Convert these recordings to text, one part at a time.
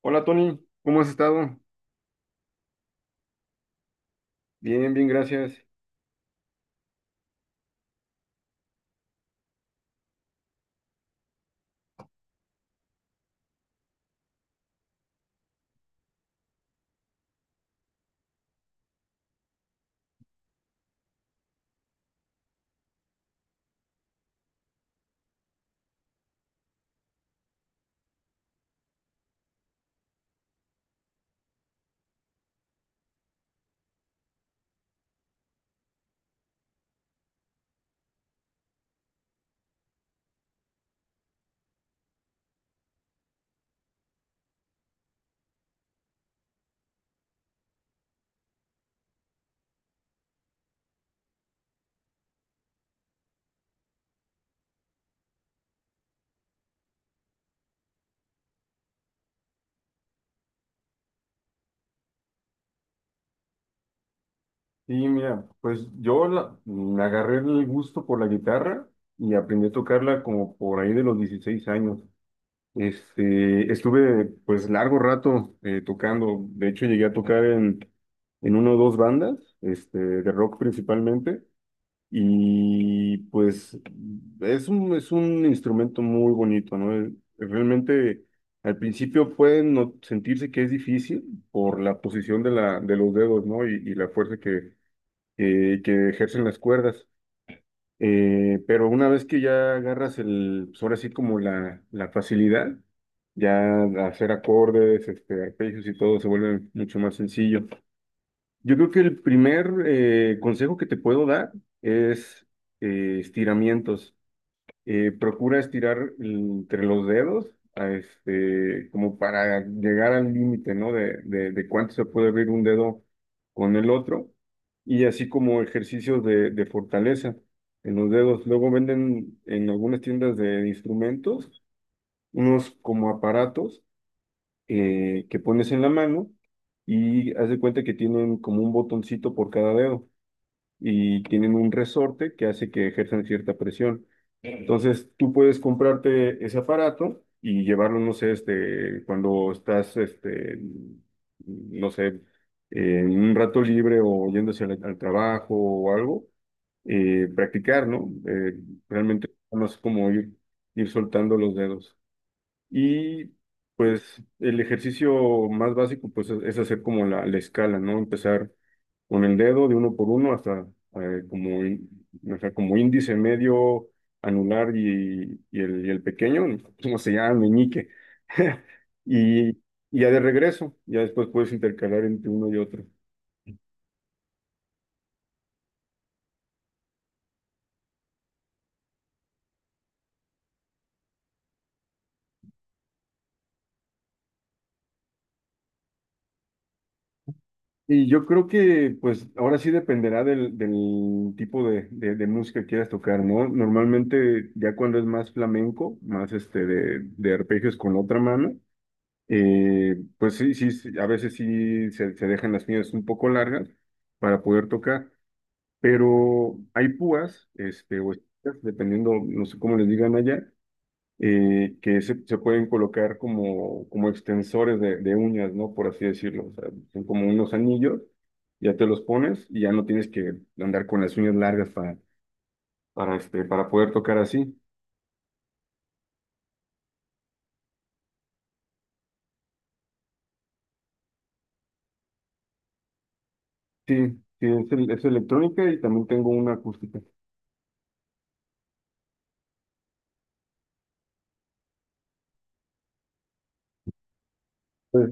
Hola Tony, ¿cómo has estado? Bien, bien, gracias. Sí, mira, pues me agarré el gusto por la guitarra y aprendí a tocarla como por ahí de los 16 años. Estuve pues largo rato tocando. De hecho llegué a tocar en una o dos bandas, de rock principalmente. Y pues es un instrumento muy bonito, ¿no? Realmente al principio pueden sentirse que es difícil por la posición de los dedos, ¿no? Y la fuerza que ejercen las cuerdas. Pero una vez que ya agarras pues ahora sí como la facilidad, ya hacer acordes, arpegios, y todo se vuelve mucho más sencillo. Yo creo que el primer consejo que te puedo dar es estiramientos. Procura estirar entre los dedos, como para llegar al límite, ¿no? De, de cuánto se puede abrir un dedo con el otro. Y así como ejercicios de fortaleza en los dedos. Luego venden en algunas tiendas de instrumentos unos como aparatos que pones en la mano, y haz de cuenta que tienen como un botoncito por cada dedo, y tienen un resorte que hace que ejerzan cierta presión. Entonces tú puedes comprarte ese aparato y llevarlo, no sé, cuando estás, no sé, en un rato libre, o yéndose al trabajo o algo, practicar, ¿no? Realmente no es como ir soltando los dedos. Y pues el ejercicio más básico pues es hacer como la escala, ¿no? Empezar con el dedo de uno por uno hasta como, o sea, como índice, medio, anular, y el pequeño. ¿Cómo se llama? Meñique. Y y ya de regreso, ya después puedes intercalar entre uno y otro. Y yo creo que, pues, ahora sí dependerá del tipo de música que quieras tocar, ¿no? Normalmente, ya cuando es más flamenco, más de arpegios con otra mano, pues sí, sí, sí, a veces sí se dejan las piñas un poco largas para poder tocar. Pero hay púas, o esquinas, dependiendo, no sé cómo les digan allá, que se pueden colocar como extensores de uñas, ¿no? Por así decirlo. O sea, son como unos anillos, ya te los pones y ya no tienes que andar con las uñas largas para poder tocar así. Sí, sí, es electrónica, y también tengo una acústica. Pues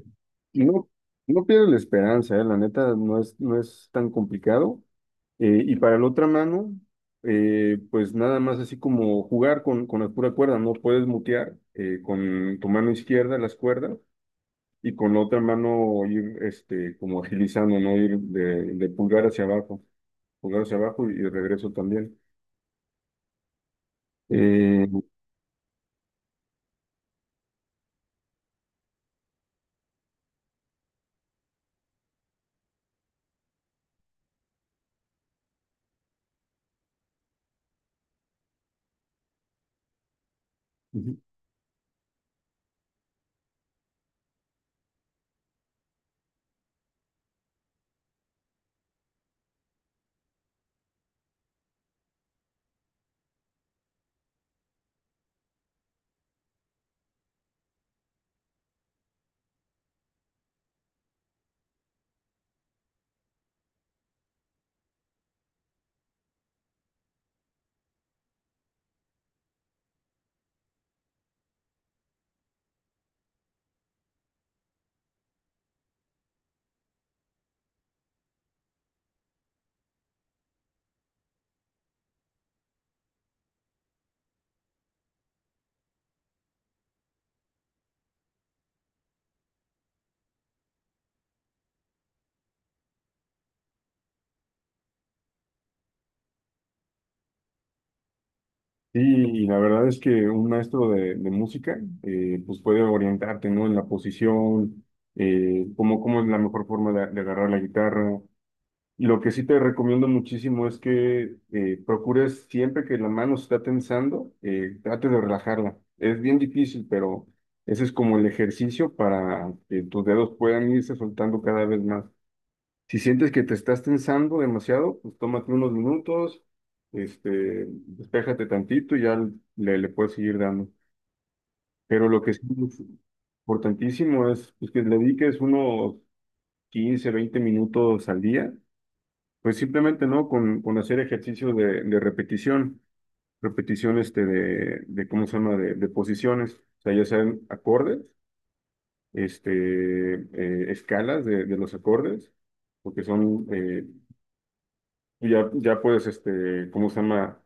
no, no pierdes la esperanza, ¿eh? La neta no es tan complicado. Y para la otra mano, pues nada más así como jugar con la pura cuerda, no puedes mutear con tu mano izquierda las cuerdas, y con la otra mano ir, como agilizando, ¿no? Ir de pulgar hacia abajo, pulgar hacia abajo, y de regreso también. Eh, Ujú. y, y la verdad es que un maestro de música, pues puede orientarte, ¿no? En la posición, cómo es la mejor forma de agarrar la guitarra. Lo que sí te recomiendo muchísimo es que procures siempre que la mano se está tensando, trate de relajarla. Es bien difícil, pero ese es como el ejercicio para que tus dedos puedan irse soltando cada vez más. Si sientes que te estás tensando demasiado, pues tómate unos minutos, este, despéjate tantito y ya le puedes seguir dando. Pero lo que sí es importantísimo es, pues, que le dediques unos 15, 20 minutos al día, pues simplemente, ¿no? Con hacer ejercicio de repetición. Repetición de, ¿cómo se llama? De posiciones. O sea, ya sean acordes, escalas de los acordes, porque son, ya puedes, ¿cómo se llama?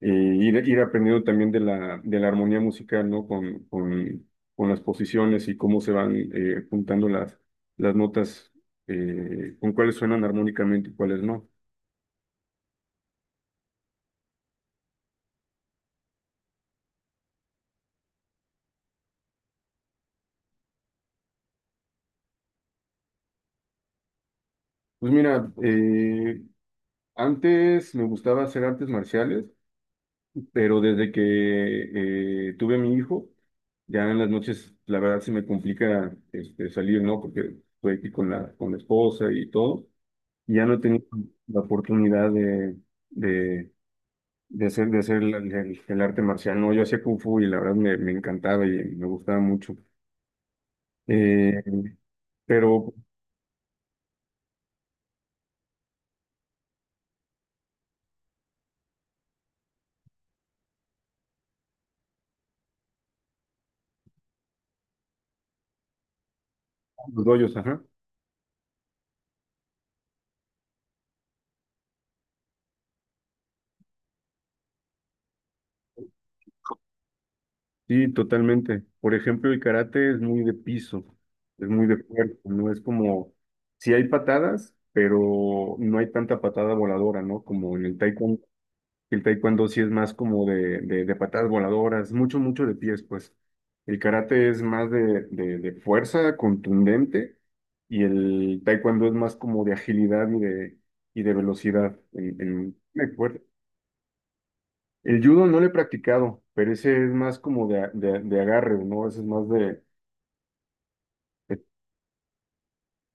Ir aprendiendo también de la armonía musical, ¿no? Con las posiciones y cómo se van juntando las notas, con cuáles suenan armónicamente y cuáles no. Pues mira, antes me gustaba hacer artes marciales, pero desde que tuve a mi hijo, ya en las noches la verdad se me complica, salir, ¿no? Porque estoy aquí con la esposa y todo. Y ya no he tenido la oportunidad de, de hacer el arte marcial, ¿no? Yo hacía Kung Fu y la verdad me encantaba, y me gustaba mucho. Eh, pero los dojos, ajá. Sí, totalmente. Por ejemplo, el karate es muy de piso, es muy de cuerpo, no es como... Sí hay patadas, pero no hay tanta patada voladora, ¿no? Como en el taekwondo. El taekwondo sí es más como de patadas voladoras, mucho, mucho de pies, pues. El karate es más de fuerza contundente, y el taekwondo es más como de agilidad, y de velocidad en el cuerpo. El judo no lo he practicado, pero ese es más como de agarre, ¿no? Ese es más de.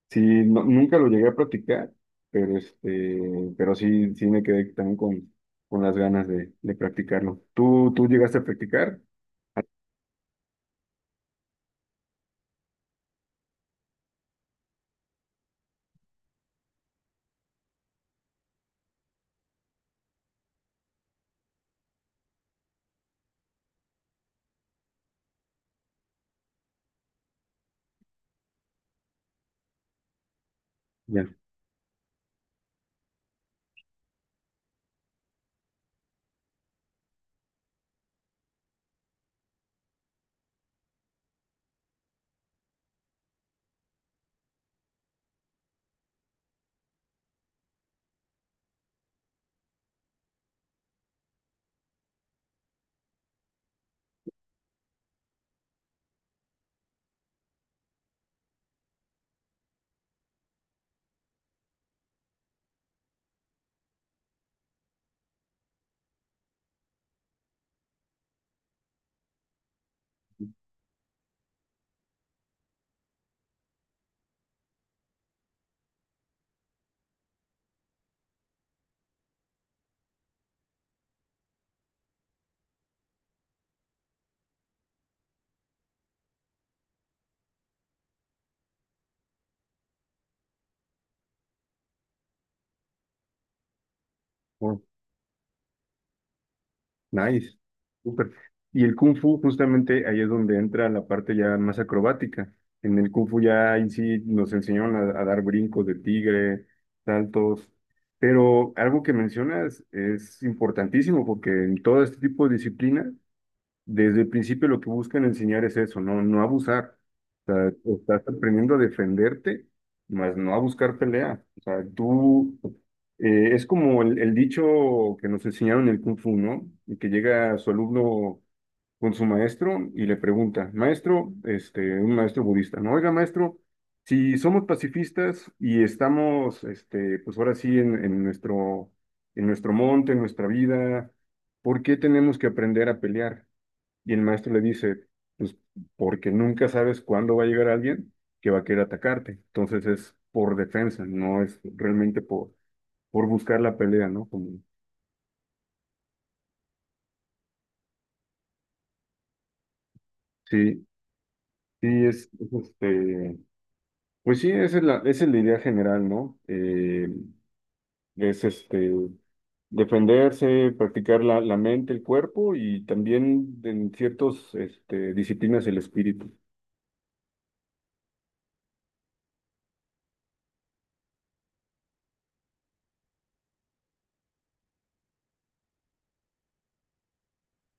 Sí, nunca lo llegué a practicar, pero, pero sí, sí me quedé también con las ganas de practicarlo. ¿Tú llegaste a practicar? Ya. Nice, súper. Y el Kung Fu, justamente ahí es donde entra la parte ya más acrobática. En el Kung Fu ya ahí sí nos enseñaron a dar brincos de tigre, saltos. Pero algo que mencionas es importantísimo, porque en todo este tipo de disciplinas, desde el principio lo que buscan enseñar es eso: no, no abusar. O sea, estás aprendiendo a defenderte, más no a buscar pelea. O sea, tú, es como el dicho que nos enseñaron en el Kung Fu, ¿no? Y que llega su alumno con su maestro y le pregunta: "Maestro", un maestro budista, ¿no? "Oiga, maestro, si somos pacifistas y estamos, pues ahora sí, en nuestro monte, en nuestra vida, ¿por qué tenemos que aprender a pelear?" Y el maestro le dice: "Pues porque nunca sabes cuándo va a llegar alguien que va a querer atacarte." Entonces es por defensa, no es realmente por buscar la pelea, ¿no? Como, sí, sí, pues sí, esa es la idea general, ¿no? Es defenderse, practicar la mente, el cuerpo, y también en ciertas disciplinas, el espíritu.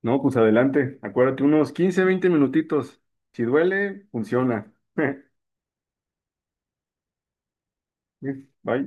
No, pues adelante, acuérdate, unos 15 a 20 minutitos. Si duele, funciona. Uf, ay,